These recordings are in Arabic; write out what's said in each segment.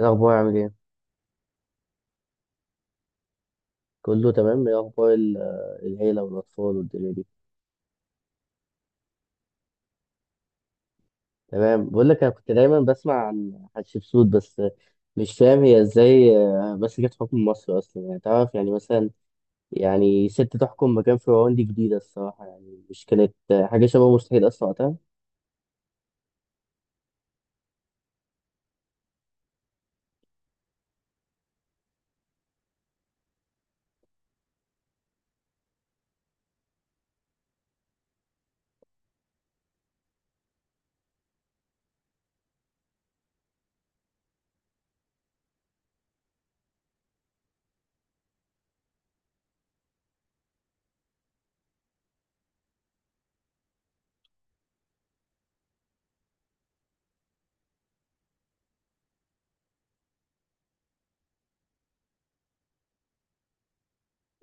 إيه الأخبار عامل إيه؟ كله تمام، إيه أخبار العيلة والأطفال والدنيا دي؟ تمام، بقول لك أنا كنت دايما بسمع عن حتشبسوت، بس مش فاهم هي إزاي مسكت حكم مصر أصلا. يعني تعرف، يعني مثلا، يعني ست تحكم مكان فرعون دي جديدة الصراحة، يعني مش كانت حاجة شبه مستحيل أصلا وقتها.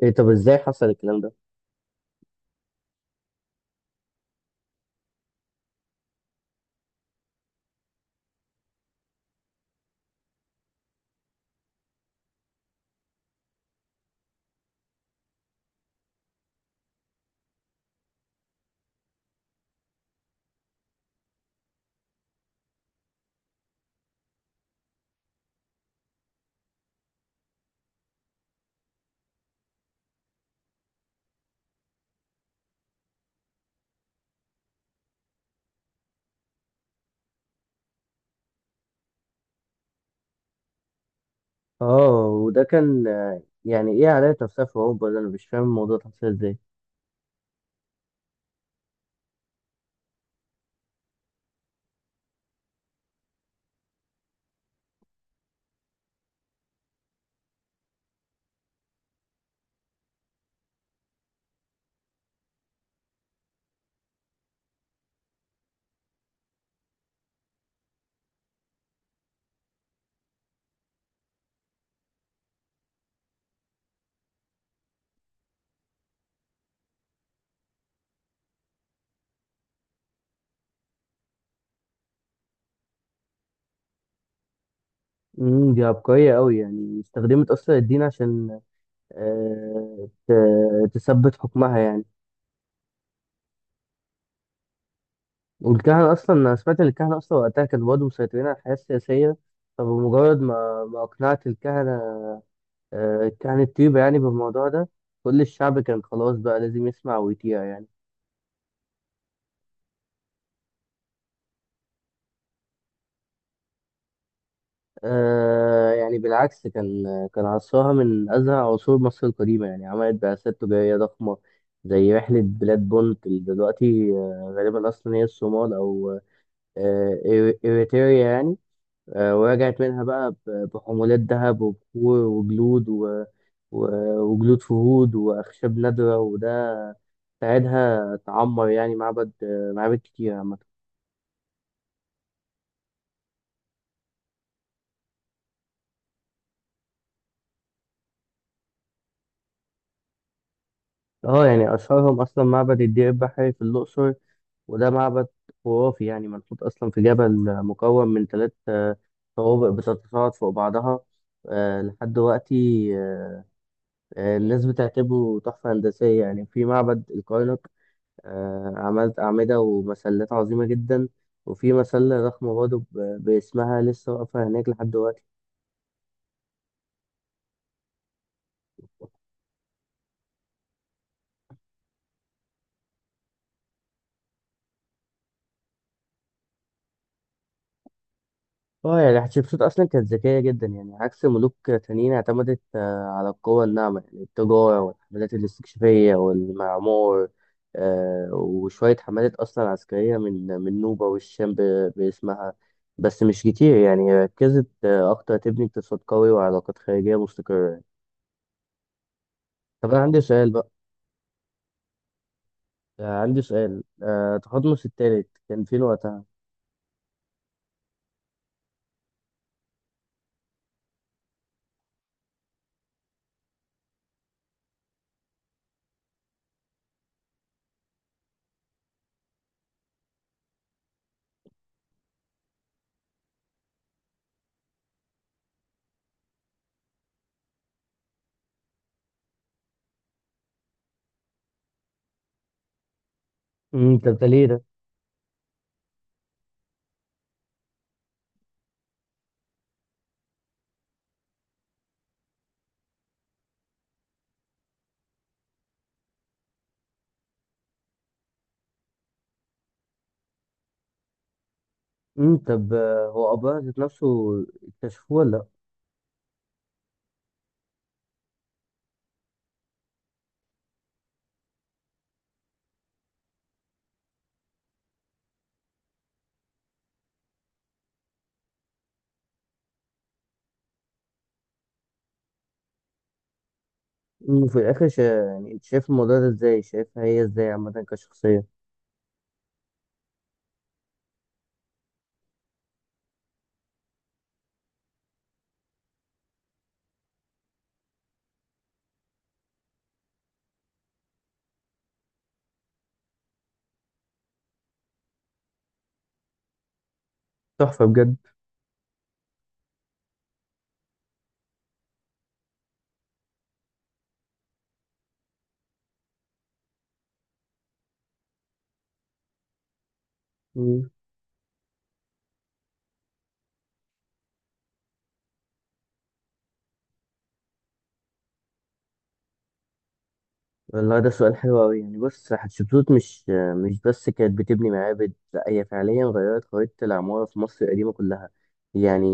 إيه طب إزاي حصل الكلام ده؟ وده كان يعني إيه عليها نفسها في أوروبا؟ ده أنا مش فاهم الموضوع ده حصل إزاي؟ دي عبقرية أوي، يعني استخدمت أصلا الدين عشان تثبت حكمها يعني. والكهنة أصلا، أنا سمعت إن الكهنة أصلا وقتها كانوا برضه مسيطرين على الحياة السياسية. فبمجرد ما أقنعت الكهنة، كهنة طيبة يعني، بالموضوع ده، كل الشعب كان خلاص بقى لازم يسمع ويطيع يعني. آه، يعني بالعكس، كان عصرها من أزهى عصور مصر القديمة. يعني عملت بعثات تجارية ضخمة زي رحلة بلاد بونت، اللي دلوقتي غالبا أصلا هي الصومال أو آه، إيريتريا يعني. ورجعت منها بقى بحمولات ذهب وبخور وجلود و... وجلود فهود وأخشاب نادرة، وده ساعدها تعمر يعني معبد آه، معابد كتير عامة. اه يعني أشهرهم أصلا معبد الدير البحري في الأقصر. وده معبد خرافي، يعني منحوت أصلا في جبل، مكون من ثلاث طوابق بتتصاعد فوق بعضها لحد دلوقتي. آه، الناس بتعتبره تحفة هندسية يعني. في معبد الكرنك عملت أعمدة ومسلات عظيمة جدا، وفي مسلة ضخمة برضه باسمها لسه واقفة هناك لحد دلوقتي. اه يعني حتشبسوت أصلا كانت ذكية جدا، يعني عكس ملوك تانيين اعتمدت على القوة الناعمة، يعني التجارة والحملات الاستكشافية والمعمار. وشوية حملات أصلا عسكرية من نوبة والشام باسمها. بس مش كتير، يعني ركزت أكتر تبني اقتصاد قوي وعلاقات خارجية مستقرة. طب أنا عندي سؤال بقى، عندي سؤال، تقدمس التالت كان فين وقتها؟ طب ده ليه ده؟ طب هو أبوها ذات نفسه اكتشفوه ولا لأ؟ في الآخر يعني أنت شايف الموضوع ده إزاي؟ شايفها هي إزاي عامة كشخصية؟ تحفة بجد. والله ده سؤال حلو أوي. يعني بص، حتشبسوت مش بس كانت بتبني معابد، لا، هي فعليا غيرت خريطة العمارة في مصر القديمة كلها. يعني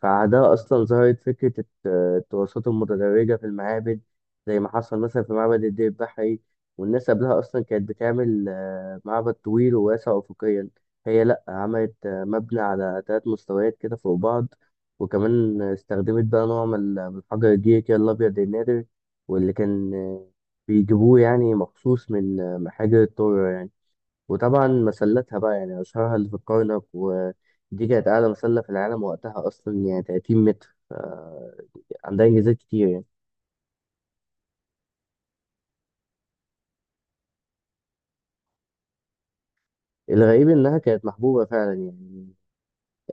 في عهدها أصلا ظهرت فكرة التراثات المتدرجة في المعابد، زي ما حصل مثلا في معبد الدير البحري. والناس قبلها أصلا كانت بتعمل معبد طويل وواسع أفقيا. هي لأ، عملت مبنى على تلات مستويات كده فوق بعض. وكمان استخدمت بقى نوع من حجر الجيري كده الأبيض النادر، واللي كان بيجيبوه يعني مخصوص من حجر الطور يعني. وطبعا مسلاتها بقى، يعني أشهرها اللي في الكرنك، ودي كانت أعلى مسلة في العالم وقتها أصلا، يعني 30 متر. عندها إنجازات كتير يعني. الغريب إنها كانت محبوبة فعلا يعني.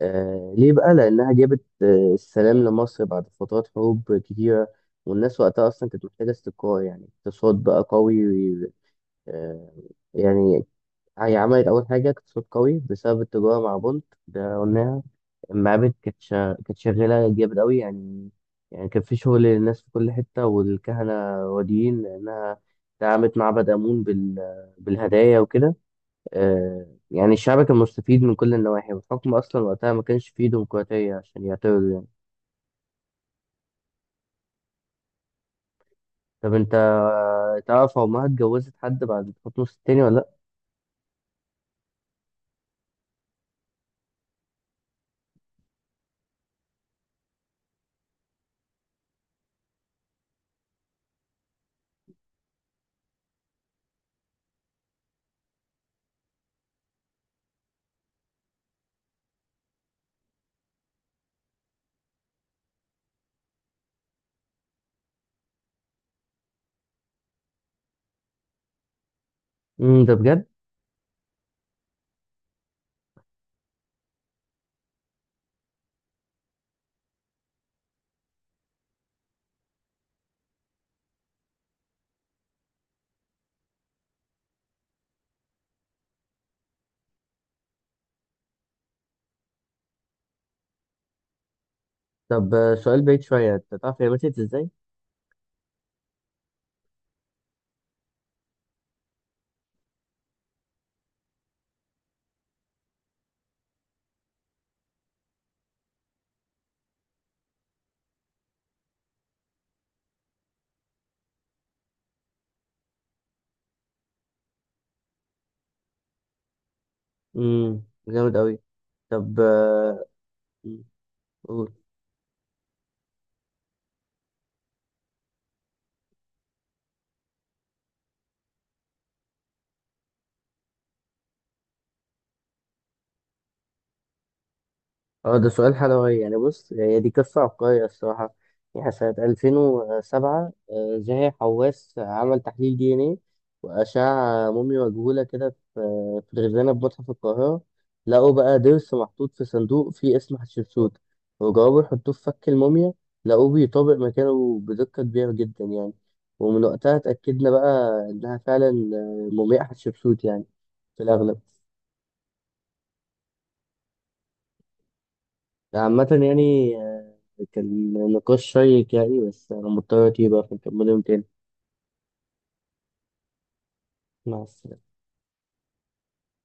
آه ليه بقى؟ لأنها جابت السلام لمصر بعد فترات حروب كتيرة، والناس وقتها أصلا كانت محتاجة استقرار، يعني اقتصاد بقى قوي. آه، يعني هي عملت أول حاجة اقتصاد قوي بسبب التجارة مع بونت، ده قلناها. المعابد كانت كانت شغالة جامد أوي يعني. يعني كان في شغل للناس في كل حتة، والكهنة راضيين لأنها دعمت معبد آمون بالهدايا وكده. يعني الشعب كان مستفيد من كل النواحي، والحكم أصلا وقتها ما كانش فيه ديمقراطية عشان يعترضوا يعني. طب أنت تعرف أمها اتجوزت حد بعد حكم الستيني ولا لأ؟ مم، ده بجد؟ طب سؤال بعيد شوية، أنت تعرف هي ماتت إزاي؟ مم، جامد أوي. طب مم، قول. اه ده سؤال حلوي. يعني بص، هي دي قصة عبقرية الصراحة. يعني سنة 2007 زاهي حواس عمل تحليل دي ان ايه وأشعة موميا مجهولة كده في الخزانة في متحف القاهرة. لقوا بقى ضرس محطوط في صندوق فيه اسم حتشبسوت، وجربوا يحطوه في فك الموميا، لقوه بيطابق مكانه بدقة كبيرة جدا يعني. ومن وقتها اتأكدنا بقى إنها فعلا مومياء حتشبسوت يعني، في الأغلب. عامة يعني كان نقاش شيق يعني، بس أنا مضطر أتيه بقى، فنكمله يوم تاني. مع السلامة.